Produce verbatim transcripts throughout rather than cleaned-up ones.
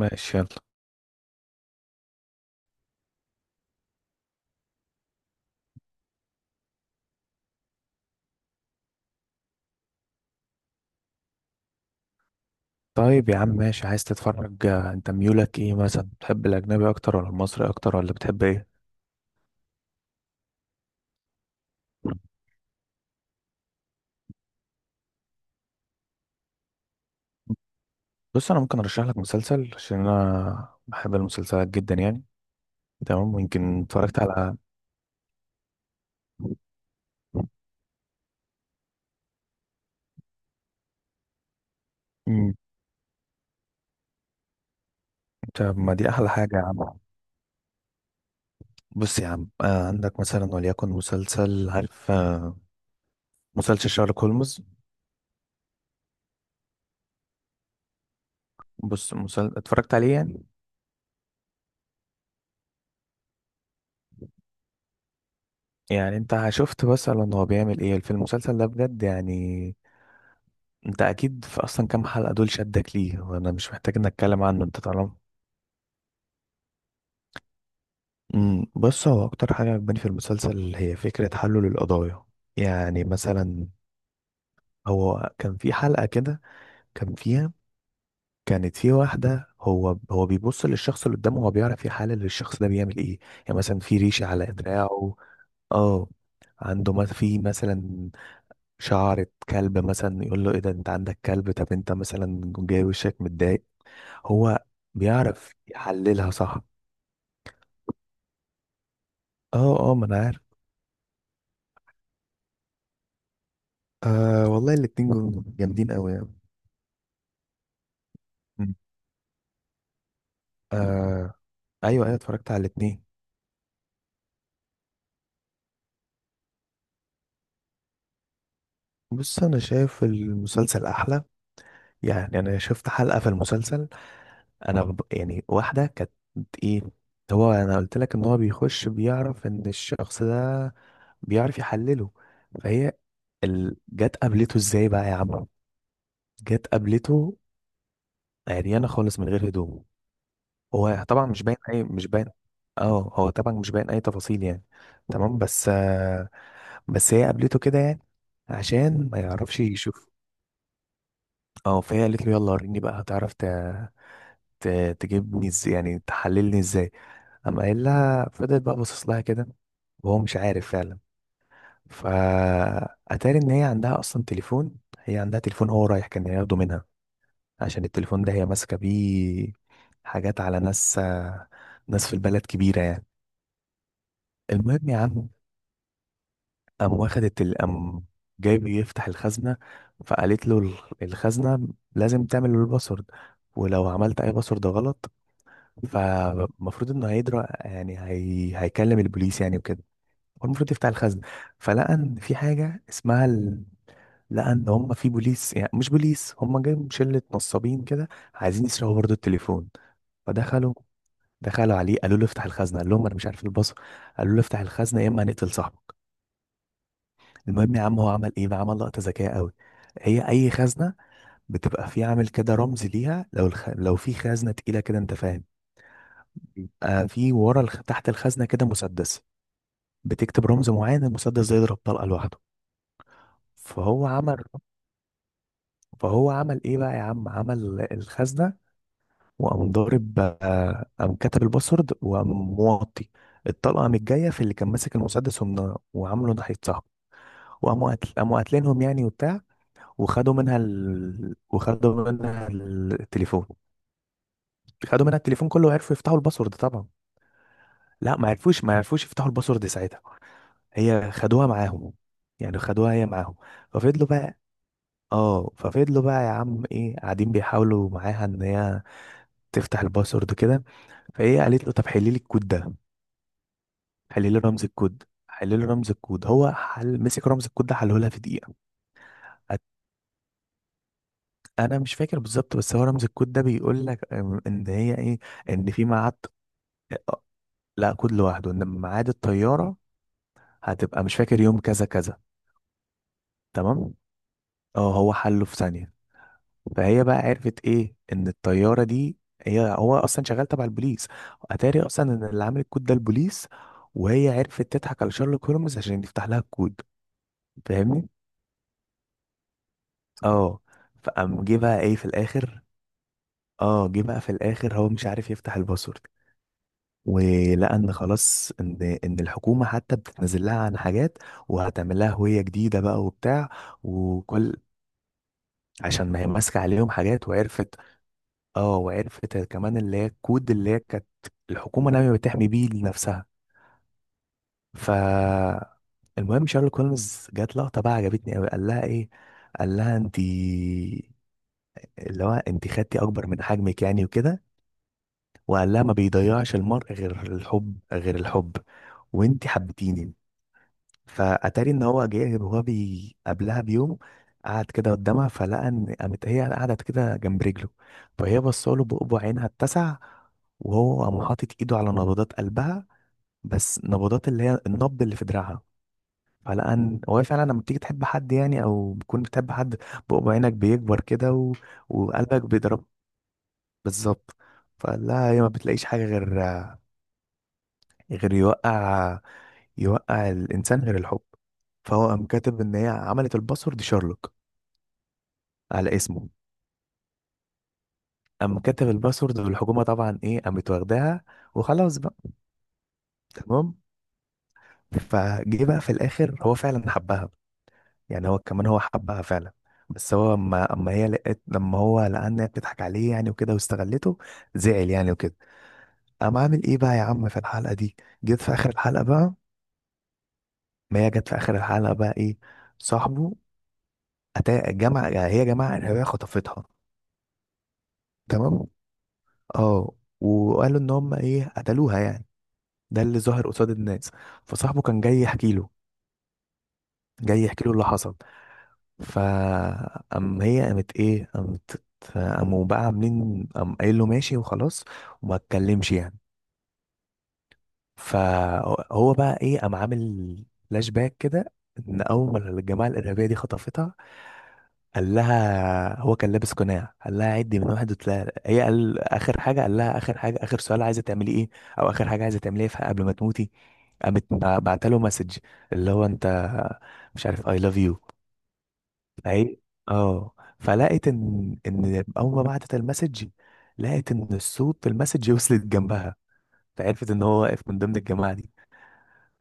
ماشي، يلا. طيب يا عم، ماشي، عايز تتفرج آه، انت ميولك ايه مثلا؟ بتحب الاجنبي اكتر ولا المصري اكتر ولا بتحب ايه؟ بص، انا ممكن ارشح لك مسلسل، عشان انا بحب المسلسلات جدا يعني. تمام، يمكن اتفرجت على. مم. طب ما دي احلى حاجه يا عم. بص يا عم آه عندك مثلا وليكن مسلسل، عارف آه مسلسل شارلوك هولمز. بص، مسل... اتفرجت عليه يعني. يعني انت شفت مثلا هو بيعمل ايه في المسلسل ده بجد يعني؟ انت اكيد في اصلا كام حلقة دول شدك ليه، وانا مش محتاج ان اتكلم عنه، انت طالما. امم بص، هو اكتر حاجة عجباني في المسلسل هي فكرة حله للقضايا. يعني مثلا، هو كان في حلقة كده كان فيها كانت في واحدة، هو هو بيبص للشخص اللي قدامه، هو بيعرف يحلل الشخص ده بيعمل ايه. يعني مثلا في ريشة على دراعه. اه، عنده ما في مثلا شعرة كلب، مثلا يقول له ايه ده، انت عندك كلب؟ طب انت مثلا جاي وشك متضايق. هو بيعرف يحللها، صح؟ اه اه، ما انا عارف. آه والله الاتنين جم- جامدين قوي يعني. مم. آه، ايوه ايوه، اتفرجت على الاتنين. بص، انا شايف المسلسل احلى. يعني انا شفت حلقة في المسلسل، انا ب... يعني واحدة كانت ايه، هو انا قلت لك ان هو بيخش بيعرف ان الشخص ده بيعرف يحلله. فهي ال... جت قابلته ازاي بقى يا عم؟ جت قابلته عريانة خالص من غير هدوم. هو طبعا مش باين اي مش باين. اه، هو طبعا مش باين اي تفاصيل يعني. تمام بس آه بس هي قابلته كده يعني، عشان ما يعرفش يشوف. اه، فهي قالت له يلا وريني بقى، هتعرف ت... ت... تجيبني ازاي، يعني تحللني ازاي. قام قايل لها، فضلت بقى باصص لها كده، وهو مش عارف فعلا. فأتاري إن هي عندها أصلا تليفون، هي عندها تليفون، هو رايح كان ياخده منها، عشان التليفون ده هي ماسكة بيه حاجات على ناس ناس في البلد كبيرة يعني. المهم يا عم، قام واخدت ال- قام جايب يفتح الخزنة. فقالت له ال- الخزنة لازم تعمل له الباسورد، ولو عملت أي باسورد غلط، فالمفروض إنه هيدرى يعني، هي... هيكلم البوليس يعني وكده. هو المفروض يفتح الخزنة. فلقى إن في حاجة اسمها ال... لقى إن هم في بوليس، يعني مش بوليس، هم جايين شلة نصابين كده، عايزين يسرقوا برضه التليفون. فدخلوا دخلوا عليه قالوا له افتح الخزنة، قال لهم أنا مش عارف الباسورد. قالوا له افتح الخزنة يا إما هنقتل صاحبك. المهم يا عم، هو عمل ايه بقى؟ عمل لقطه ذكيه قوي. هي اي خزنه بتبقى في عامل كده رمز ليها، لو الخ... لو في خزنه تقيله كده، انت فاهم، بيبقى في ورا الخ... تحت الخزنه كده مسدس، بتكتب رمز معين المسدس ده يضرب طلقه لوحده. فهو عمل فهو عمل ايه بقى يا عم؟ عمل الخزنه وقام ضارب آه، قام كتب الباسورد وقام موطي. الطلقه قامت جايه في اللي كان ماسك المسدس، ومن- وعامله ناحيه صاحبه. وقاموا قتل... قاموا قاتلينهم يعني وبتاع. وخدوا منها ال... وخدوا منها التليفون. خدوا منها التليفون كله وعرفوا يفتحوا الباسورد طبعا؟ لا، ما عرفوش ما عرفوش يفتحوا الباسورد ساعتها. هي خدوها معاهم، يعني خدوها هي معاهم. ففضلوا بقى اه، ففضلوا بقى يا عم ايه قاعدين بيحاولوا معاها ان هي تفتح الباسورد كده. فهي قالت له طب حلي لي الكود ده. حلي لي رمز الكود حلي لي رمز الكود، هو حل، مسك رمز الكود ده حله لها في دقيقة. أت- انا مش فاكر بالظبط، بس هو رمز الكود ده بيقول لك أم، ان هي ايه، ان في ميعاد، لا كود لوحده، ان ميعاد الطياره هتبقى مش فاكر يوم كذا كذا. تمام، اه، هو حله في ثانيه. فهي بقى عرفت ايه، ان الطياره دي هي هو اصلا شغال تبع البوليس. اتاري اصلا ان اللي عامل الكود ده البوليس، وهي عرفت تضحك على شارلوك هولمز عشان يفتح لها الكود. فاهمني؟ اه. فقام جه بقى ايه في الاخر. اه، جه بقى في الاخر هو مش عارف يفتح الباسورد، ولان خلاص ان ان الحكومه حتى بتتنزل لها عن حاجات، وهتعمل لها هويه جديده بقى وبتاع، وكل، عشان ما هي ماسكه عليهم حاجات وعرفت. اه، وعرفت كمان اللي هي الكود اللي هي كانت الحكومه ناويه بتحمي بيه لنفسها. ف المهم، شارل كولمز جات لقطه بقى عجبتني قوي، قال لها ايه، قال لها انت، اللي هو انت خدتي اكبر من حجمك يعني وكده، وقال لها ما بيضيعش المرء غير الحب، غير الحب، وانت حبتيني. فاتاري ان هو جه، وهو بي قبلها بيوم قعد كده قدامها، فلقى ان قامت هي قعدت كده جنب رجله، فهي بصاله بقبع عينها اتسع، وهو قام حاطط ايده على نبضات قلبها، بس نبضات اللي هي النبض اللي في دراعها. فلقى ان هو فعلا لما بتيجي تحب حد، يعني او بتكون بتحب حد، بقبع عينك بيكبر كده و... وقلبك بيضرب. بالظبط. فقال لها هي ما بتلاقيش حاجه غير غير يوقع يوقع الانسان غير الحب. فهو قام كاتب ان هي عملت الباسورد شارلوك على اسمه. قام كاتب الباسورد، والحكومه طبعا ايه، قامت واخداها وخلاص بقى. تمام. فجه بقى في الاخر هو فعلا حبها، يعني هو كمان هو حبها فعلا، بس هو اما اما هي لقيت، لما هو لقى ان هي بتضحك عليه يعني وكده واستغلته، زعل يعني وكده. قام عامل ايه بقى يا عم في الحلقه دي؟ جيت في اخر الحلقه بقى، ما هي جت في اخر الحلقه بقى ايه، صاحبه، أتا... جمع هي جماعه ارهابيه خطفتها. تمام، اه. وقالوا ان هم ايه، قتلوها يعني، ده اللي ظهر قصاد الناس. فصاحبه كان جاي يحكي له جاي يحكي له اللي حصل. فأم هي قامت ايه، قامت، قاموا بقى عاملين، قام قايل له ماشي وخلاص، وما اتكلمش يعني. فهو بقى ايه، قام عامل فلاش باك كده، ان اول ما الجماعه الارهابيه دي خطفتها، قال لها هو كان لابس قناع، قال لها عدي من واحد وتلاقي، هي قال اخر حاجه، قال لها اخر حاجه، اخر سؤال عايزه تعملي ايه، او اخر حاجه عايزه تعمليها في قبل ما تموتي. قامت بعت له مسج، اللي هو انت، مش عارف اي، لاف يو. فهي، اه، فلقيت ان ان اول ما بعتت المسج، لقيت ان الصوت في المسج وصلت جنبها، فعرفت ان هو واقف من ضمن الجماعه دي.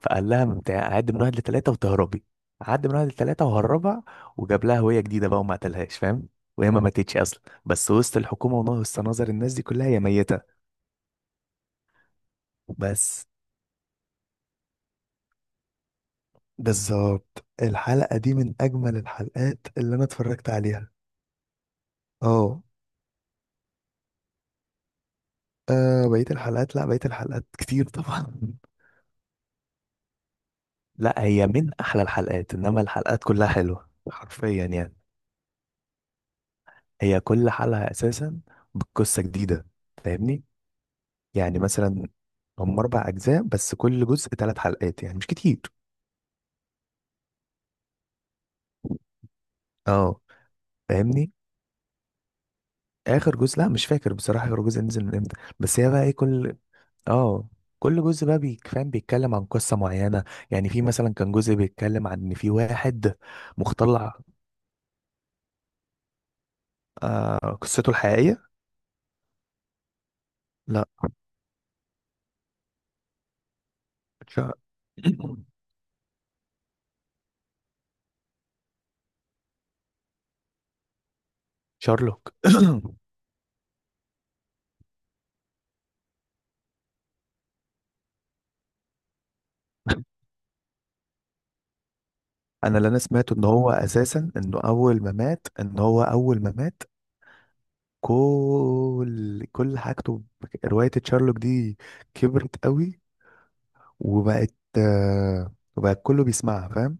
فقال لها بتاع عد من واحد لتلاتة وتهربي، عد من واحد لتلاتة وهربها، وجاب لها هوية جديدة بقى، وما قتلهاش، فاهم؟ وهي ما ماتتش أصلا، بس وسط الحكومة ونص نظر الناس دي كلها هي ميتة. بس. بالظبط، الحلقة دي من أجمل الحلقات اللي أنا اتفرجت عليها. اه. آه، بقية الحلقات، لا، بقية الحلقات كتير طبعا. لا، هي من أحلى الحلقات، إنما الحلقات كلها حلوة حرفيا يعني. هي كل حلقة أساسا بقصة جديدة، فاهمني. يعني مثلا، هم اربع اجزاء بس، كل جزء ثلاث حلقات يعني، مش كتير. اه، فاهمني. اخر جزء، لا مش فاكر بصراحه اخر جزء نزل من امتى، بس هي بقى ايه، كل، اه، كل جزء بقى بيك- فاهم بيتكلم عن قصه معينه. يعني في مثلا كان جزء بيتكلم عن ان في واحد مختلع. آه، قصته الحقيقيه، لا، شا- شارلوك. انا اللي انا سمعته ان هو اساسا، انه اول ما مات، ان هو اول ما مات كل كل حاجته ب- رواية تشارلوك دي كبرت قوي، وبقت آه، وبقت كله بيسمعها، فاهم.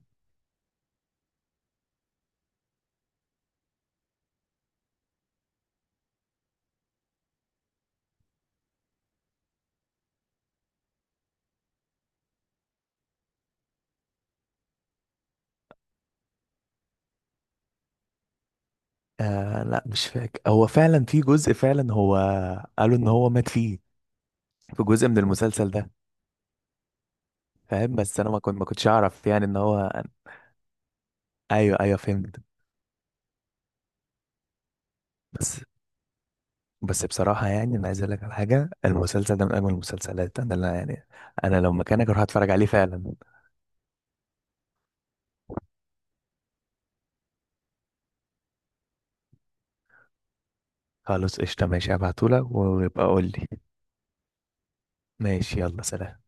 آه، لا مش فاكر، هو فعلا في جزء فعلا هو قالوا ان هو مات فيه، في جزء من المسلسل ده. فاهم، بس انا ما كنت ما كنتش اعرف يعني ان هو، ايوه ايوه، فهمت. بس، بس بصراحة يعني انا عايز اقول لك على حاجة، المسلسل ده من اجمل المسلسلات، انا لا يعني، انا لو مكانك اروح اتفرج عليه فعلا. خلاص، قشطة، ماشي، هبعتهولك ويبقى قول لي. ماشي، يلا، سلام.